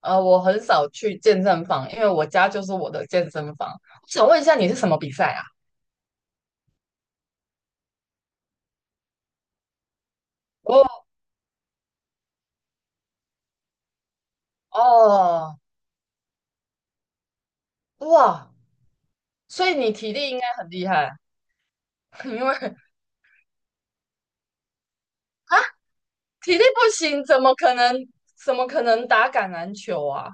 我很少去健身房，因为我家就是我的健身房。我想问一下，你是什么比赛啊？哦哦，哇，所以你体力应该很厉害，因为体力不行，怎么可能打橄榄球啊？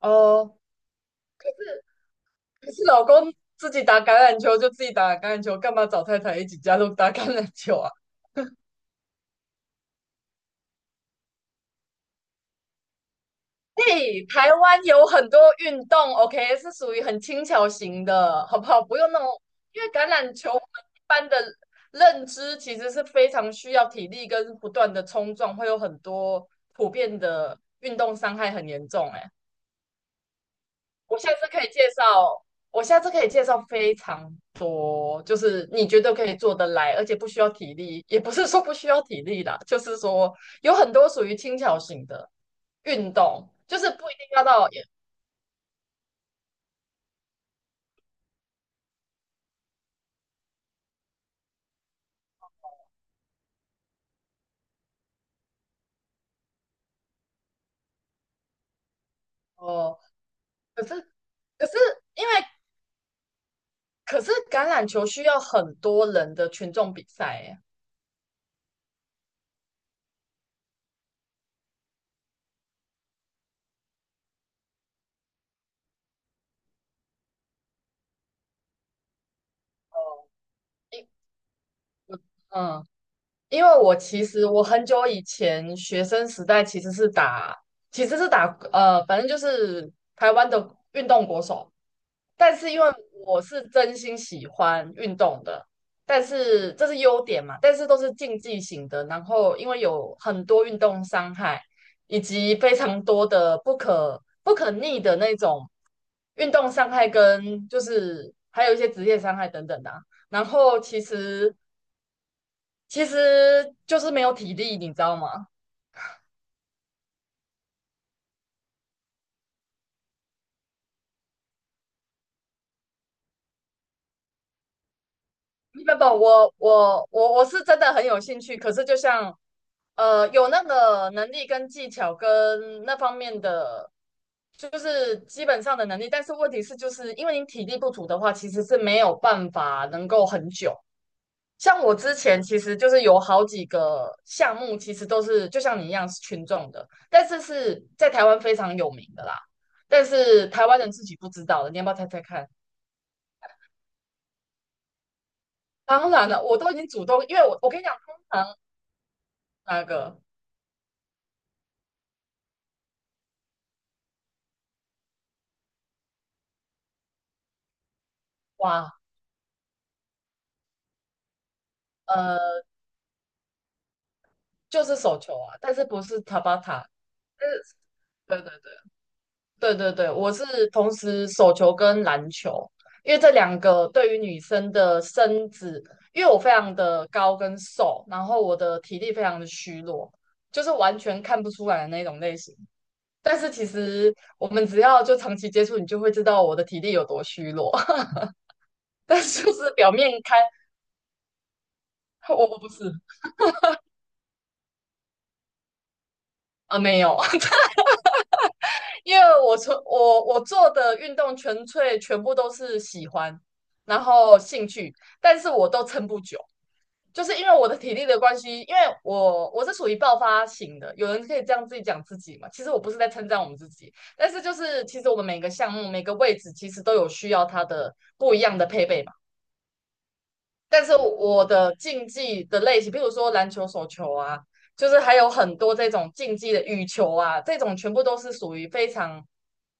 哦，可是老公自己打橄榄球就自己打橄榄球，干嘛找太太一起加入打橄榄球啊？嘿，台湾有很多运动，OK,是属于很轻巧型的，好不好？不用那种，因为橄榄球我们一般的认知其实是非常需要体力跟不断的冲撞，会有很多普遍的运动伤害很严重。哎，我下次可以介绍，我下次可以介绍非常多，就是你觉得可以做得来，而且不需要体力，也不是说不需要体力啦，就是说有很多属于轻巧型的。运动，就是不一定要到，哦，可是可是因为可是橄榄球需要很多人的群众比赛耶，嗯。因为我其实我很久以前学生时代其实是打，其实是打反正就是台湾的运动国手。但是因为我是真心喜欢运动的，但是这是优点嘛，但是都是竞技型的。然后因为有很多运动伤害，以及非常多的不可逆的那种运动伤害，跟就是还有一些职业伤害等等的啊然后其实就是没有体力，你知道吗？不，我是真的很有兴趣，可是就像有那个能力跟技巧跟那方面的，就是基本上的能力，但是问题是，就是因为你体力不足的话，其实是没有办法能够很久。像我之前其实就是有好几个项目，其实都是就像你一样是群众的，但是是在台湾非常有名的啦，但是台湾人自己不知道的，你要不要猜猜看？当然了，我都已经主动，因为我跟你讲，通常那个哇，呃，就是手球啊，但是不是塔巴塔，但是对对对对，我是同时手球跟篮球，因为这两个对于女生的身子，因为我非常的高跟瘦，然后我的体力非常的虚弱，就是完全看不出来的那种类型。但是其实我们只要就长期接触，你就会知道我的体力有多虚弱，但是就是表面看，我不是啊，没有。因为我从我我做的运动纯粹全部都是喜欢，然后兴趣，但是我都撑不久，就是因为我的体力的关系，因为我是属于爆发型的，有人可以这样自己讲自己嘛，其实我不是在称赞我们自己，但是就是其实我们每个项目每个位置其实都有需要它的不一样的配备嘛。但是我的竞技的类型，比如说篮球、手球啊，就是还有很多这种竞技的羽球啊，这种全部都是属于非常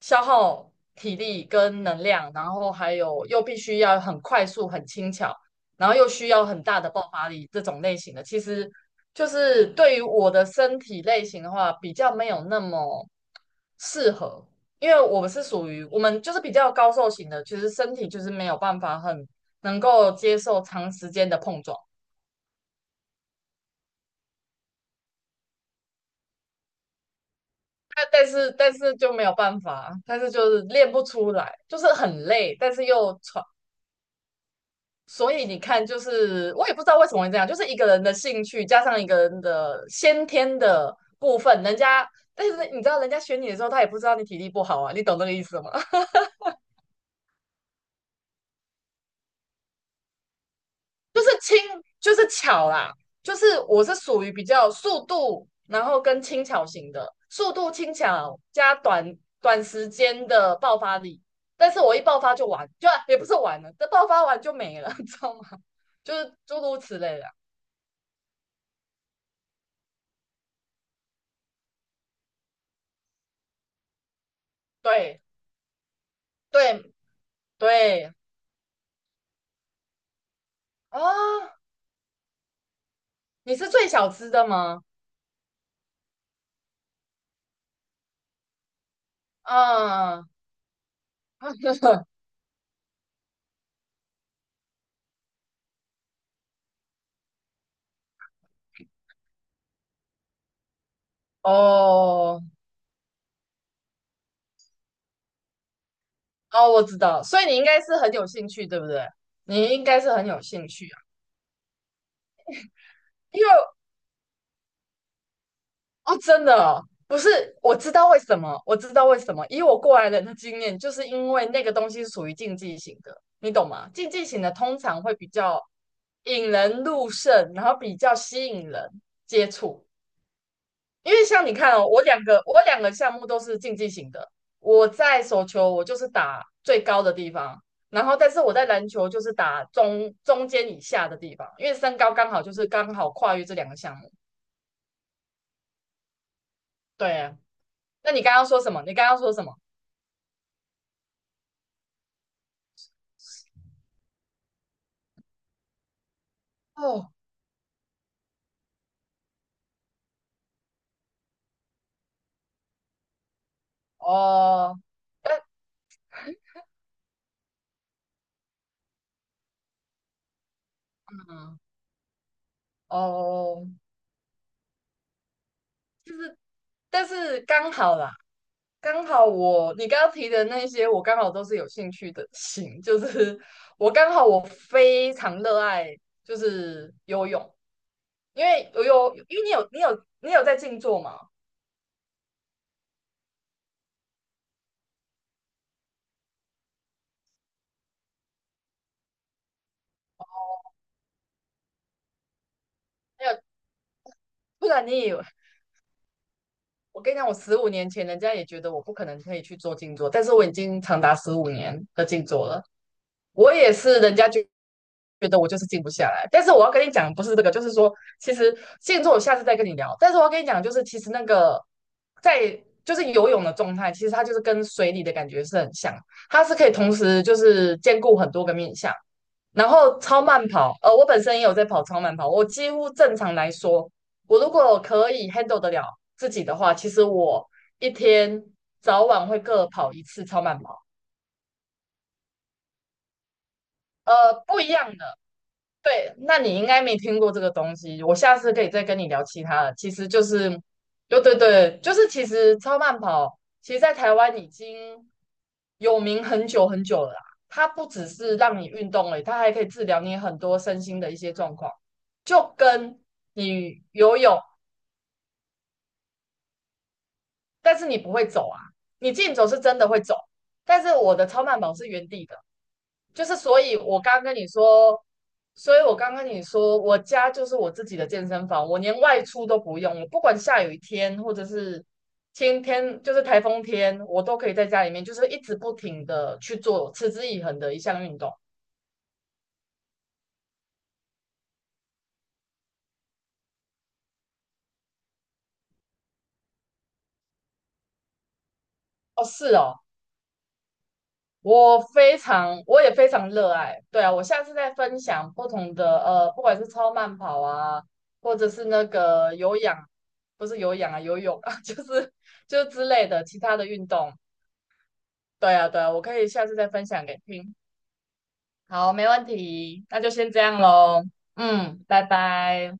消耗体力跟能量，然后还有又必须要很快速、很轻巧，然后又需要很大的爆发力这种类型的。其实就是对于我的身体类型的话，比较没有那么适合，因为我们是属于我们就是比较高瘦型的，其实身体就是没有办法很。能够接受长时间的碰撞。但是就没有办法，但是就是练不出来，就是很累，但是又喘。所以你看，就是我也不知道为什么会这样，就是一个人的兴趣加上一个人的先天的部分，人家但是你知道，人家选你的时候，他也不知道你体力不好啊，你懂这个意思吗？就是轻，就是巧啦，就是我是属于比较速度，然后跟轻巧型的，速度轻巧加短短时间的爆发力，但是我一爆发就完，就也不是完了，这爆发完就没了，你知道吗？就是诸如此类的，对对对啊，你是最小资的吗？嗯，哦哦，我知道，所以你应该是很有兴趣，对不对？你应该是很有兴趣啊，因为哦，真的哦，不是，我知道为什么，以我过来人的经验，就是因为那个东西是属于竞技型的，你懂吗？竞技型的通常会比较引人入胜，然后比较吸引人接触。因为像你看哦，我两个项目都是竞技型的，我在手球我就是打最高的地方，然后但是我在篮球就是打中间以下的地方，因为身高刚好就是刚好跨越这两个项目。对啊，那你刚刚说什么？你刚刚说什么？哦哦，但嗯，哦，就是但是刚好啦，刚好我你刚刚提的那些，我刚好都是有兴趣的型，就是我刚好我非常热爱就是游泳，因为游泳，因为你有在静坐嘛，还有不然你以为。我跟你讲，我15年前人家也觉得我不可能可以去做静坐，但是我已经长达15年的静坐了。我也是，人家就觉得我就是静不下来。但是我要跟你讲，不是这个，就是说，其实静坐我下次再跟你聊。但是我要跟你讲，就是其实那个在就是游泳的状态，其实它就是跟水里的感觉是很像，它是可以同时就是兼顾很多个面向。然后超慢跑，我本身也有在跑超慢跑，我几乎正常来说，我如果可以 handle 得了自己的话，其实我一天早晚会各跑1次超慢跑，呃，不一样的，对，那你应该没听过这个东西，我下次可以再跟你聊其他的。其实就是，对，就是其实超慢跑，其实在台湾已经有名很久很久了啦。它不只是让你运动而已，它还可以治疗你很多身心的一些状况，就跟你游泳，但是你不会走啊，你竞走是真的会走，但是我的超慢跑是原地的。就是所以，我刚跟你说，所以我刚跟你说，我家就是我自己的健身房，我连外出都不用，我不管下雨天或者是天天就是台风天，我都可以在家里面，就是一直不停的去做持之以恒的一项运动。哦，是哦，我也非常热爱。对啊，我下次再分享不同的不管是超慢跑啊，或者是那个有氧，不是有氧啊，游泳啊，就是之类的其他的运动。对啊，对啊，我可以下次再分享给你听。好，没问题，那就先这样喽。嗯，拜拜。